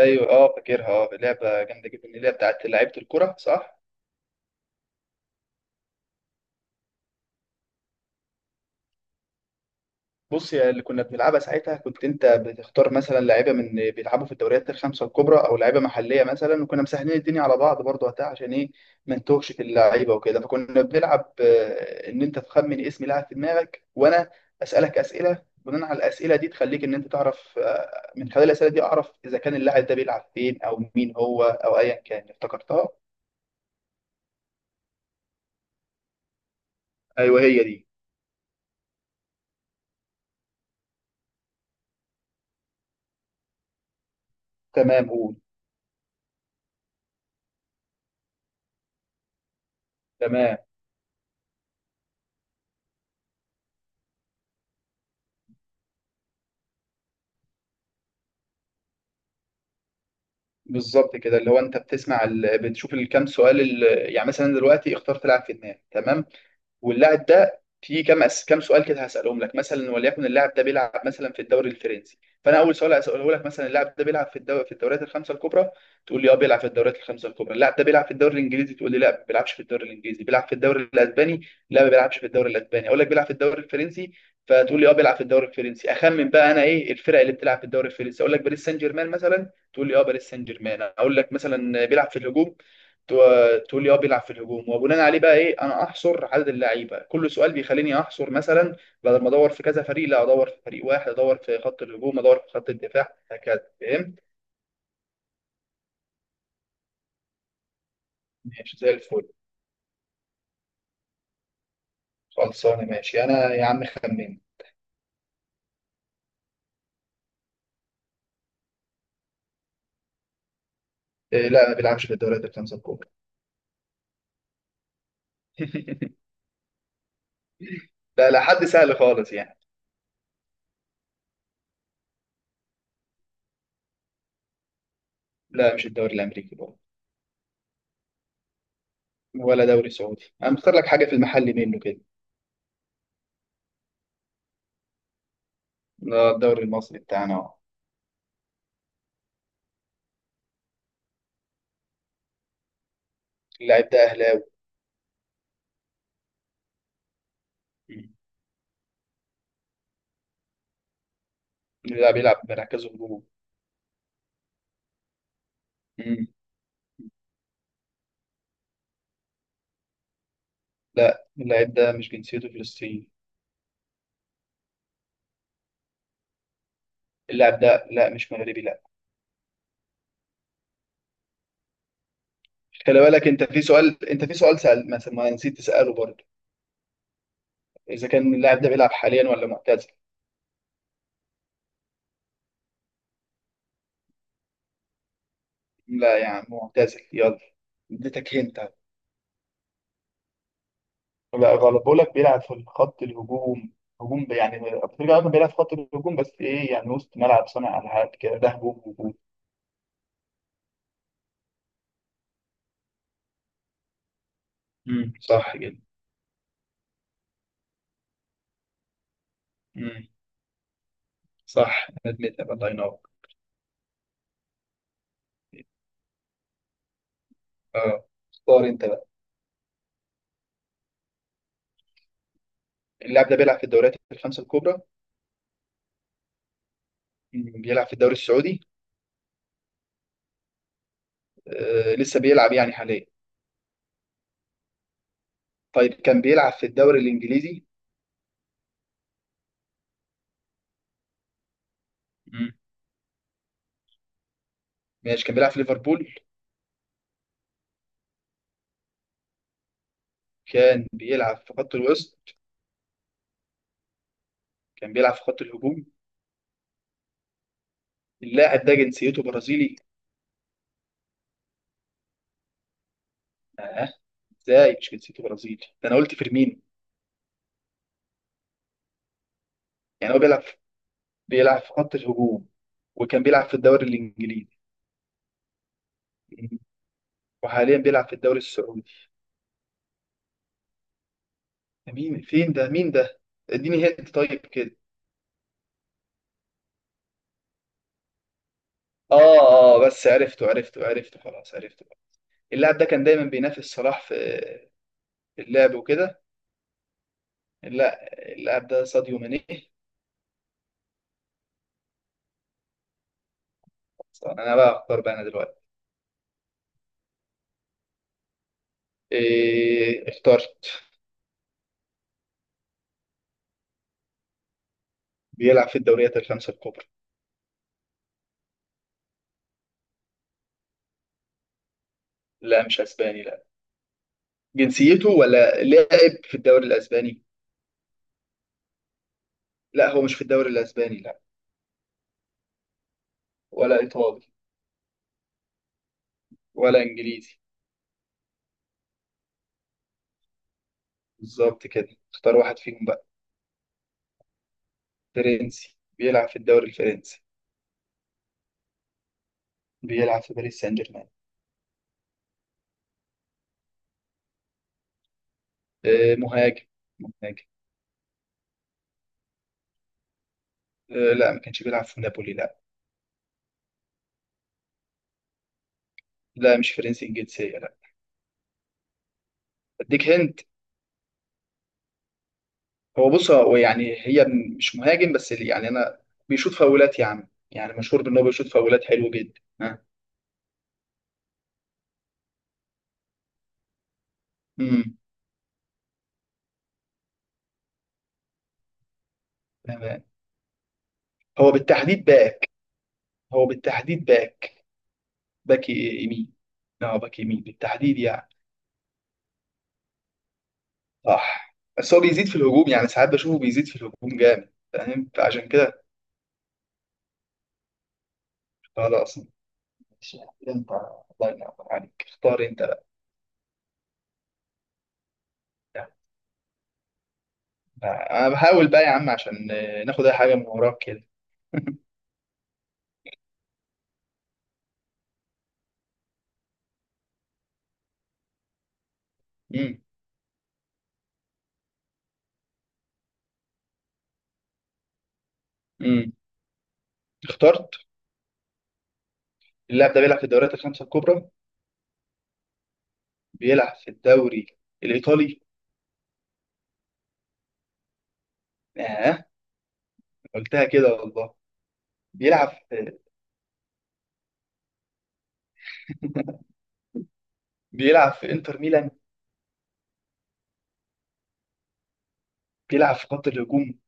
ايوه، فاكرها، لعبه جامده جدا، اللي هي بتاعت لعيبه الكره، صح؟ بص، يا اللي كنا بنلعبها ساعتها كنت انت بتختار مثلا لعيبه من بيلعبوا في الدوريات الخمسه الكبرى او لعيبه محليه مثلا، وكنا مسهلين الدنيا على بعض برضه وقتها، عشان ايه؟ ما نتوهش في اللعيبه وكده. فكنا بنلعب ان انت تخمن اسم لاعب في دماغك، وانا اسالك اسئله، بناء على الاسئله دي تخليك ان انت تعرف، من خلال الاسئله دي اعرف اذا كان اللاعب ده بيلعب فين او مين هو او ايا كان. افتكرتها؟ ايوه، هي دي. تمام، قول. تمام، بالظبط كده. اللي هو انت بتشوف الكام سؤال يعني مثلا دلوقتي اختار تلعب في دماغك، تمام. واللاعب ده في كام سؤال كده هسألهم لك، مثلا وليكن اللاعب ده بيلعب مثلا في الدوري الفرنسي. فانا اول سؤال هسأله لك، مثلا اللاعب ده بيلعب في الدوريات الخمسه الكبرى؟ تقول لي: اه بيلعب في الدوريات الخمسه الكبرى. اللاعب ده بيلعب في الدوري الانجليزي؟ تقول لي: لا ما بيلعبش في الدوري الانجليزي، بيلعب في الدوري الاسباني؟ لا ما بيلعبش في الدوري الاسباني. اقول لك: بيلعب في الدوري الفرنسي. فتقول لي: اه بيلعب في الدوري الفرنسي. اخمن بقى انا ايه الفرق اللي بتلعب في الدوري الفرنسي، اقول لك باريس سان جيرمان مثلا. تقول لي: اه باريس سان جيرمان. اقول لك مثلا بيلعب في الهجوم. تقول لي: اه بيلعب في الهجوم. وبناء عليه بقى ايه، انا احصر عدد اللعيبه، كل سؤال بيخليني احصر مثلا، بدل ما ادور في كذا فريق، لا ادور في فريق واحد، ادور في خط الهجوم، ادور في خط الدفاع، هكذا. فهمت؟ ماشي زي الفل. خلصانه ماشي، انا يا عم خمن. إيه، لا ما بيلعبش في الدوريات الخمسه الكبرى. لا، لا، حد سهل خالص يعني. لا مش الدوري الامريكي برضه. ولا دوري سعودي، انا مختار لك حاجه في المحل منه كده. لا، الدوري المصري بتاعنا اهو. اللاعب ده اهلاوي. مم. لا، بيلعب بمركزه هجوم. لا، اللاعب ده مش جنسيته فلسطيني. اللاعب ده لا مش مغربي، لا. خلي بالك، انت في سؤال سأل، ما نسيت تسأله برضه. اذا كان اللاعب ده بيلعب حاليا ولا معتزل؟ لا يا عم معتزل، يلا. اديتك هنت أهو. لا غلط، بقول لك بيلعب في الخط الهجوم. هجوم يعني افريقيا، اصلا بيلعب في خط الهجوم بس ايه، يعني وسط ملعب صانع العاب كده، ده هجوم هجوم. صح كده. امم صح، انا ادمتها، الله ينور. اه، اختار انت بقى. اللاعب ده بيلعب في الدوريات الخمسة الكبرى؟ بيلعب في الدوري السعودي؟ لسه بيلعب يعني حاليا؟ طيب، كان بيلعب في الدوري الانجليزي؟ مم. ماشي، كان بيلعب في ليفربول؟ كان بيلعب في خط الوسط؟ كان بيلعب في خط الهجوم؟ اللاعب ده جنسيته برازيلي؟ اه، ازاي مش جنسيته برازيلي؟ ده انا قلت فيرمينو. يعني هو بيلعب في خط الهجوم، وكان بيلعب في الدوري الانجليزي. مم. وحاليا بيلعب في الدوري السعودي. ده مين فين؟ ده مين ده؟ اديني هنت طيب كده. اه، اه، بس عرفته، عرفته، عرفته، خلاص عرفته. اللاعب ده كان دايما بينافس صلاح في اللعب وكده. لا، اللاعب ده ساديو ماني. انا بقى اختار بقى، انا دلوقتي. إيه، اخترت. بيلعب في الدوريات الخمسه الكبرى. لا مش اسباني، لا. جنسيته ولا لاعب في الدوري الاسباني؟ لا، هو مش في الدوري الاسباني، لا. ولا ايطالي. ولا انجليزي. بالظبط كده، اختار واحد فيهم بقى. فرنسي، بيلعب في الدوري الفرنسي؟ بيلعب في باريس سان جيرمان؟ إيه، مهاجم، مهاجم. إيه، لا ما كانش بيلعب في نابولي، لا. لا، مش فرنسي الجنسيه، لا. اديك هند. بص، هو يعني هي مش مهاجم، بس اللي يعني انا، بيشوط فاولات يا عم، يعني مشهور بان هو بيشوط فاولات حلو جدا، ها. امم تمام. هو بالتحديد باك هو بالتحديد باك يمين. اه، باك يمين بالتحديد يعني. صح، بس هو بيزيد في الهجوم، يعني ساعات بشوفه بيزيد في الهجوم جامد، فاهم؟ فعشان كده. خلاص، ماشي. انت الله ينور عليك، اختار انت بقى. آه، انا بحاول بقى يا عم، عشان ناخد اي حاجه من وراك كده. امم. امم. اخترت؟ اللاعب ده بيلعب في الدوريات الخمسه الكبرى؟ بيلعب في الدوري الإيطالي؟ آه، قلتها كده والله. بيلعب في بيلعب في إنتر ميلان؟ بيلعب في خط الهجوم؟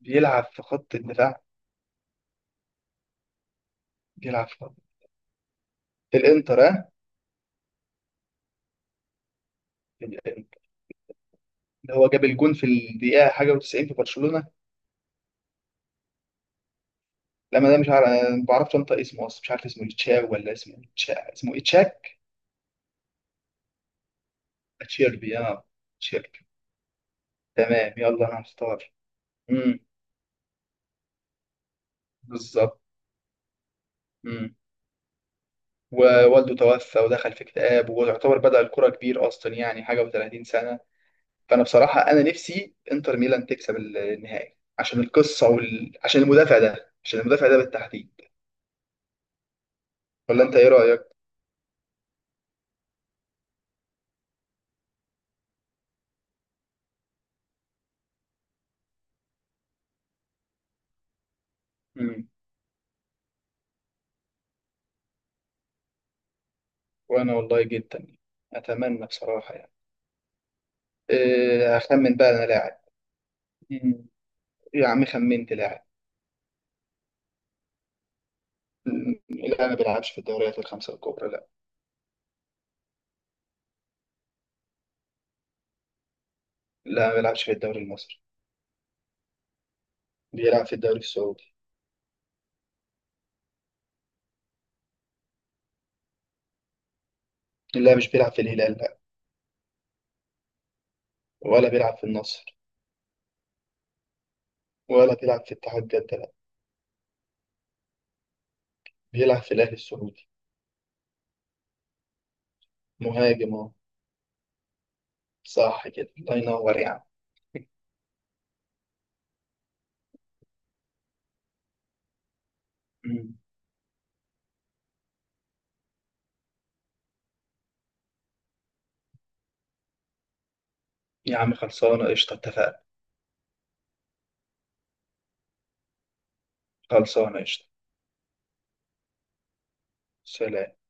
بيلعب في خط الدفاع؟ بيلعب في الإنتر، آه. اللي هو جاب الجون في الدقيقة حاجة و90 في برشلونة. لما ده، مش عارف، أنا ما بعرفش أنطق اسمه أصلا، مش عارف اسمه إتشاو ولا اسمه إتشا، اسمه إتشاك؟ أتشيربي، آه، أتشيربي. تمام، يلا أنا هختار. امم. بالظبط. امم. ووالده توفى ودخل في اكتئاب، ويعتبر بدأ الكرة كبير أصلا، يعني حاجة و30 سنة. فانا بصراحه، انا نفسي انتر ميلان تكسب النهائي عشان القصه عشان المدافع ده بالتحديد. ولا انت ايه رايك؟ مم. وانا والله جدا اتمنى بصراحه، يعني. إيه، هخمن بقى انا لاعب. مم. يا عم، خمنت لاعب. لا ما بيلعبش في الدوريات الخمسه الكبرى، لا. لا ما بيلعبش في الدوري المصري. بيلعب في الدوري السعودي. لا مش بيلعب في الهلال، لا. ولا بيلعب في النصر. ولا بيلعب في اتحاد جده، لا. بيلعب في الاهلي السعودي. مهاجم اهو. صح كده، الله ينور. يعني. يا عم، خلصانة قشطة، اتفقنا. خلصانة قشطة. سلام.